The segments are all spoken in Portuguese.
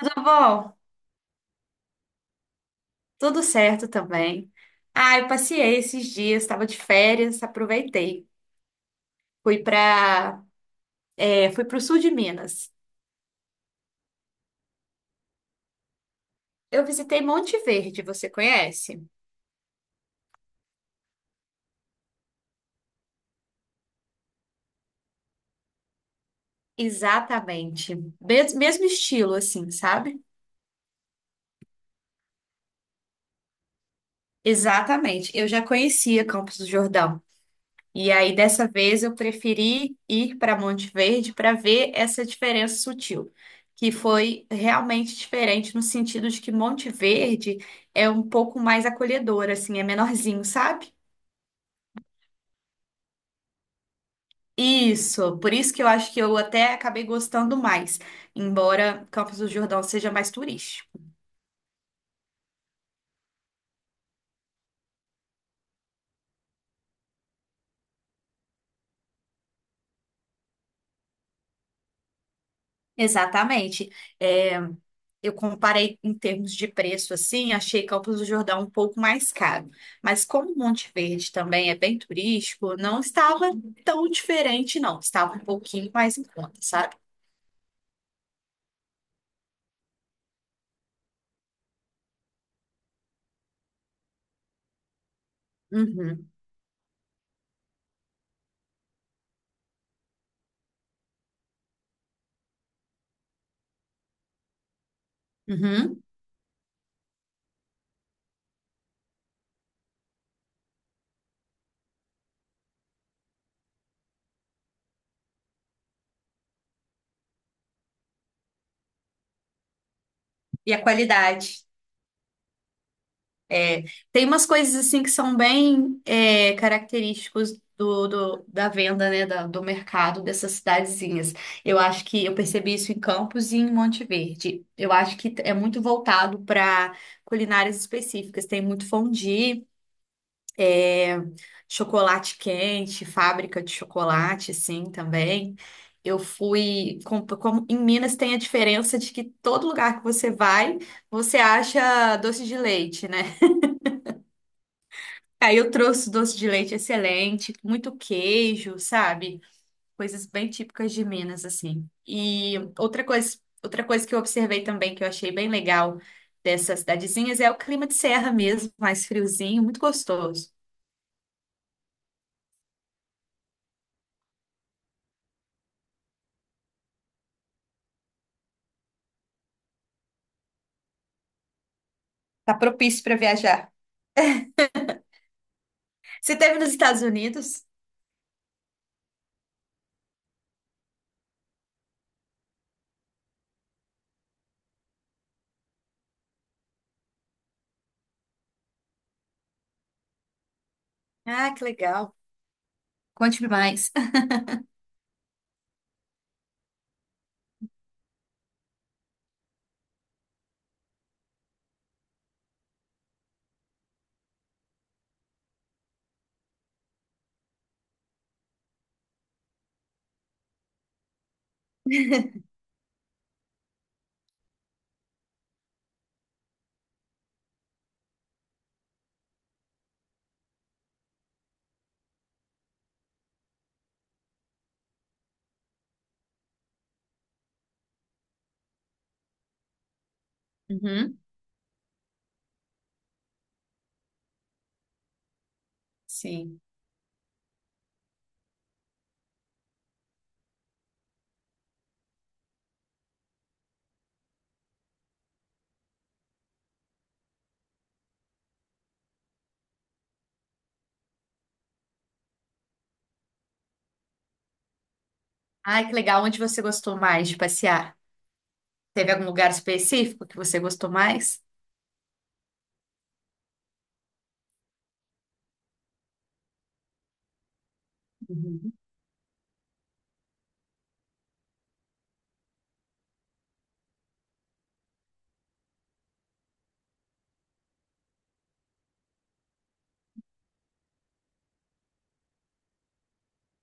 Avó, tudo certo também. Ah, eu passeei esses dias, estava de férias, aproveitei. Fui para, Fui para o sul de Minas. Eu visitei Monte Verde, você conhece? Exatamente. Mesmo estilo, assim, sabe? Exatamente. Eu já conhecia Campos do Jordão. E aí, dessa vez, eu preferi ir para Monte Verde para ver essa diferença sutil, que foi realmente diferente no sentido de que Monte Verde é um pouco mais acolhedor, assim, é menorzinho, sabe? Isso, por isso que eu acho que eu até acabei gostando mais, embora Campos do Jordão seja mais turístico. Exatamente. É, eu comparei em termos de preço, assim, achei Campos do Jordão um pouco mais caro. Mas como Monte Verde também é bem turístico, não estava tão diferente, não. Estava um pouquinho mais em conta, sabe? Uhum, uhum. E a qualidade? É, Tem umas coisas assim que são bem característicos da venda, né, do mercado dessas cidadezinhas. Eu acho que eu percebi isso em Campos e em Monte Verde. Eu acho que é muito voltado para culinárias específicas. Tem muito fondue, chocolate quente, fábrica de chocolate, assim, também. Como em Minas tem a diferença de que todo lugar que você vai, você acha doce de leite, né? Aí eu trouxe doce de leite excelente, muito queijo, sabe? Coisas bem típicas de Minas, assim. Outra coisa que eu observei também, que eu achei bem legal dessas cidadezinhas, é o clima de serra mesmo, mais friozinho, muito gostoso. Tá propício para viajar. Você esteve nos Estados Unidos? Ah, que legal. Conte-me mais. Uhum, sim. Ai, que legal. Onde você gostou mais de passear? Teve algum lugar específico que você gostou mais? Uhum.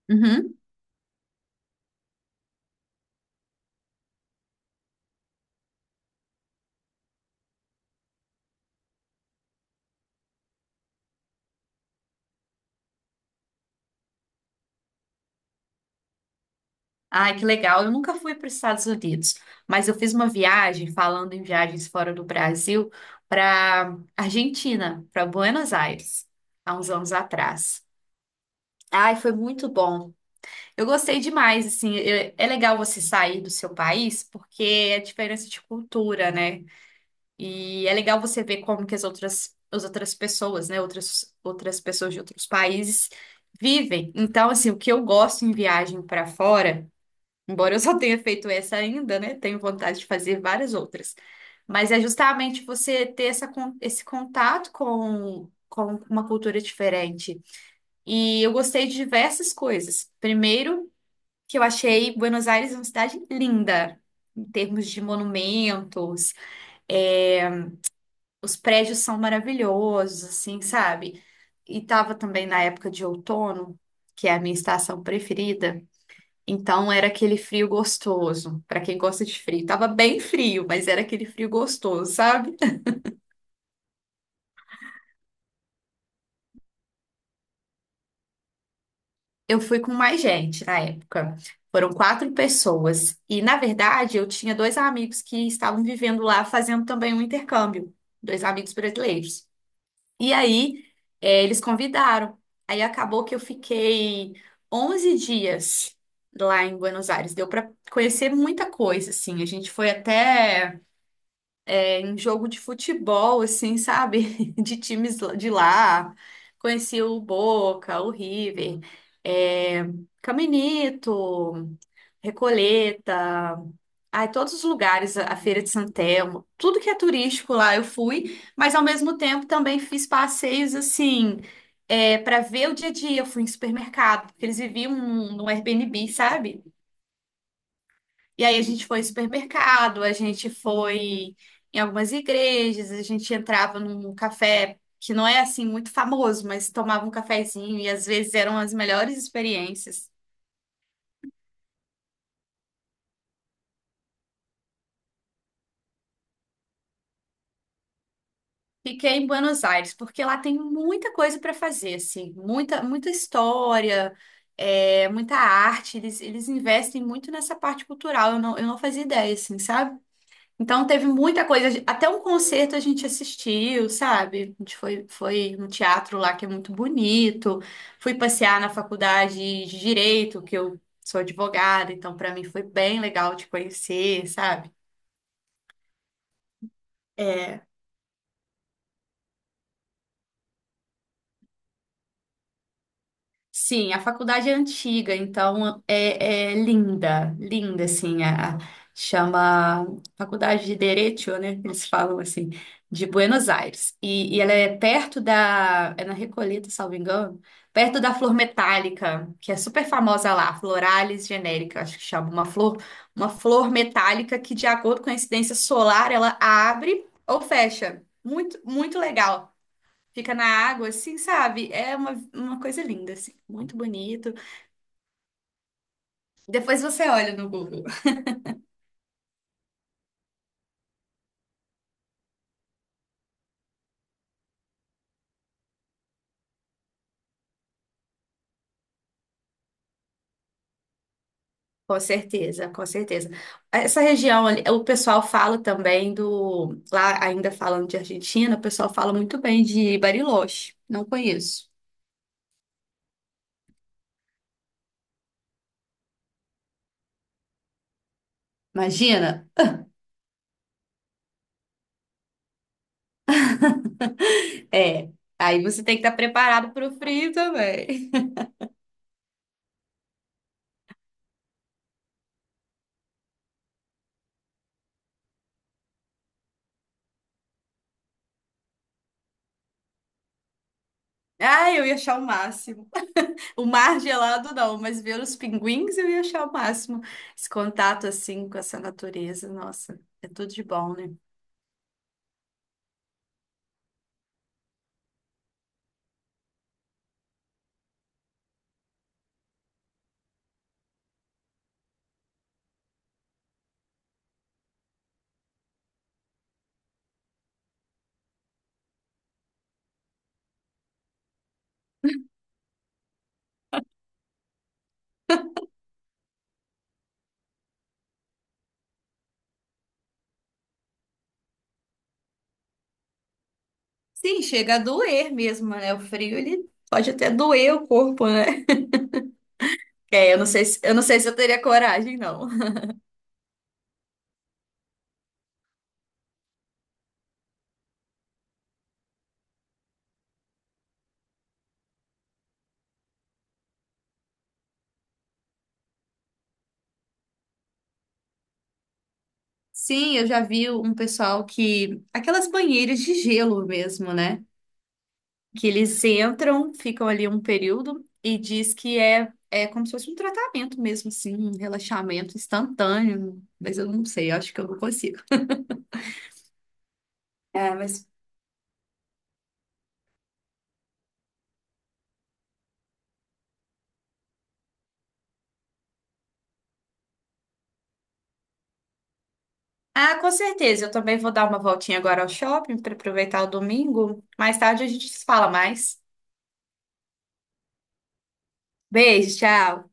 Uhum. Ai, que legal. Eu nunca fui para os Estados Unidos, mas eu fiz uma viagem, falando em viagens fora do Brasil, para Argentina, para Buenos Aires, há uns anos atrás. Ai, foi muito bom. Eu gostei demais, assim, é legal você sair do seu país porque é diferença de cultura, né? E é legal você ver como que as outras pessoas, né, outras pessoas de outros países vivem. Então, assim, o que eu gosto em viagem para fora. Embora eu só tenha feito essa ainda, né? Tenho vontade de fazer várias outras. Mas é justamente você ter esse contato com uma cultura diferente. E eu gostei de diversas coisas. Primeiro, que eu achei Buenos Aires uma cidade linda, em termos de monumentos, é, os prédios são maravilhosos, assim, sabe? E estava também na época de outono, que é a minha estação preferida. Então era aquele frio gostoso, pra quem gosta de frio. Tava bem frio, mas era aquele frio gostoso, sabe? Eu fui com mais gente na época. Foram quatro pessoas. E, na verdade, eu tinha dois amigos que estavam vivendo lá, fazendo também um intercâmbio. Dois amigos brasileiros. E aí, Eles convidaram. Aí acabou que eu fiquei 11 dias lá em Buenos Aires. Deu pra conhecer muita coisa, assim. A gente foi até. É em jogo de futebol, assim, sabe? De de lá. Conheci o Boca, o River, é, Caminito, Recoleta, ai, todos os lugares, a Feira de Santelmo, tudo que é turístico lá eu fui, mas ao mesmo tempo também fiz passeios assim. É, para ver o dia a dia, eu fui em supermercado, porque eles viviam num Airbnb, sabe? E aí a gente foi em supermercado, a gente foi em algumas igrejas, a gente entrava num café que não é assim muito famoso, mas tomava um cafezinho e às vezes eram as melhores experiências. Fiquei em Buenos Aires, porque lá tem muita coisa para fazer, assim, muita, muita história, muita arte. Eles investem muito nessa parte cultural. Eu não fazia ideia, assim, sabe? Então teve muita coisa, até um concerto a gente assistiu, sabe? Foi no teatro lá que é muito bonito. Fui passear na faculdade de direito, que eu sou advogada, então para mim foi bem legal te conhecer, sabe? É, Sim, a faculdade é antiga, então é linda, linda, assim, chama Faculdade de Derecho, né? Eles falam assim, de Buenos Aires. E ela é perto da, é na Recoleta, salvo engano, perto da flor metálica, que é super famosa lá, Floralis generica, acho que chama, uma flor metálica que, de acordo com a incidência solar, ela abre ou fecha. Muito, muito legal. Fica na água, assim, sabe? É uma coisa linda, assim, muito bonito. Depois você olha no Google. Com certeza, com certeza. Essa região ali, o pessoal fala também do. Lá, ainda falando de Argentina, o pessoal fala muito bem de Bariloche. Não conheço. Imagina? É. Aí você tem que estar preparado para o frio também. Ah, eu ia achar o máximo. O mar gelado não, mas ver os pinguins eu ia achar o máximo. Esse contato assim com essa natureza, nossa, é tudo de bom, né? Sim, chega a doer mesmo, né? O frio ele pode até doer o corpo, né? É, eu não sei se eu teria coragem, não. Sim, eu já vi um pessoal que aquelas banheiras de gelo mesmo, né? Que eles entram, ficam ali um período e diz que é como se fosse um tratamento mesmo, assim, um relaxamento instantâneo. Mas eu não sei, eu acho que eu não consigo. É, mas. Ah, com certeza. Eu também vou dar uma voltinha agora ao shopping para aproveitar o domingo. Mais tarde a gente se fala mais. Beijo, tchau.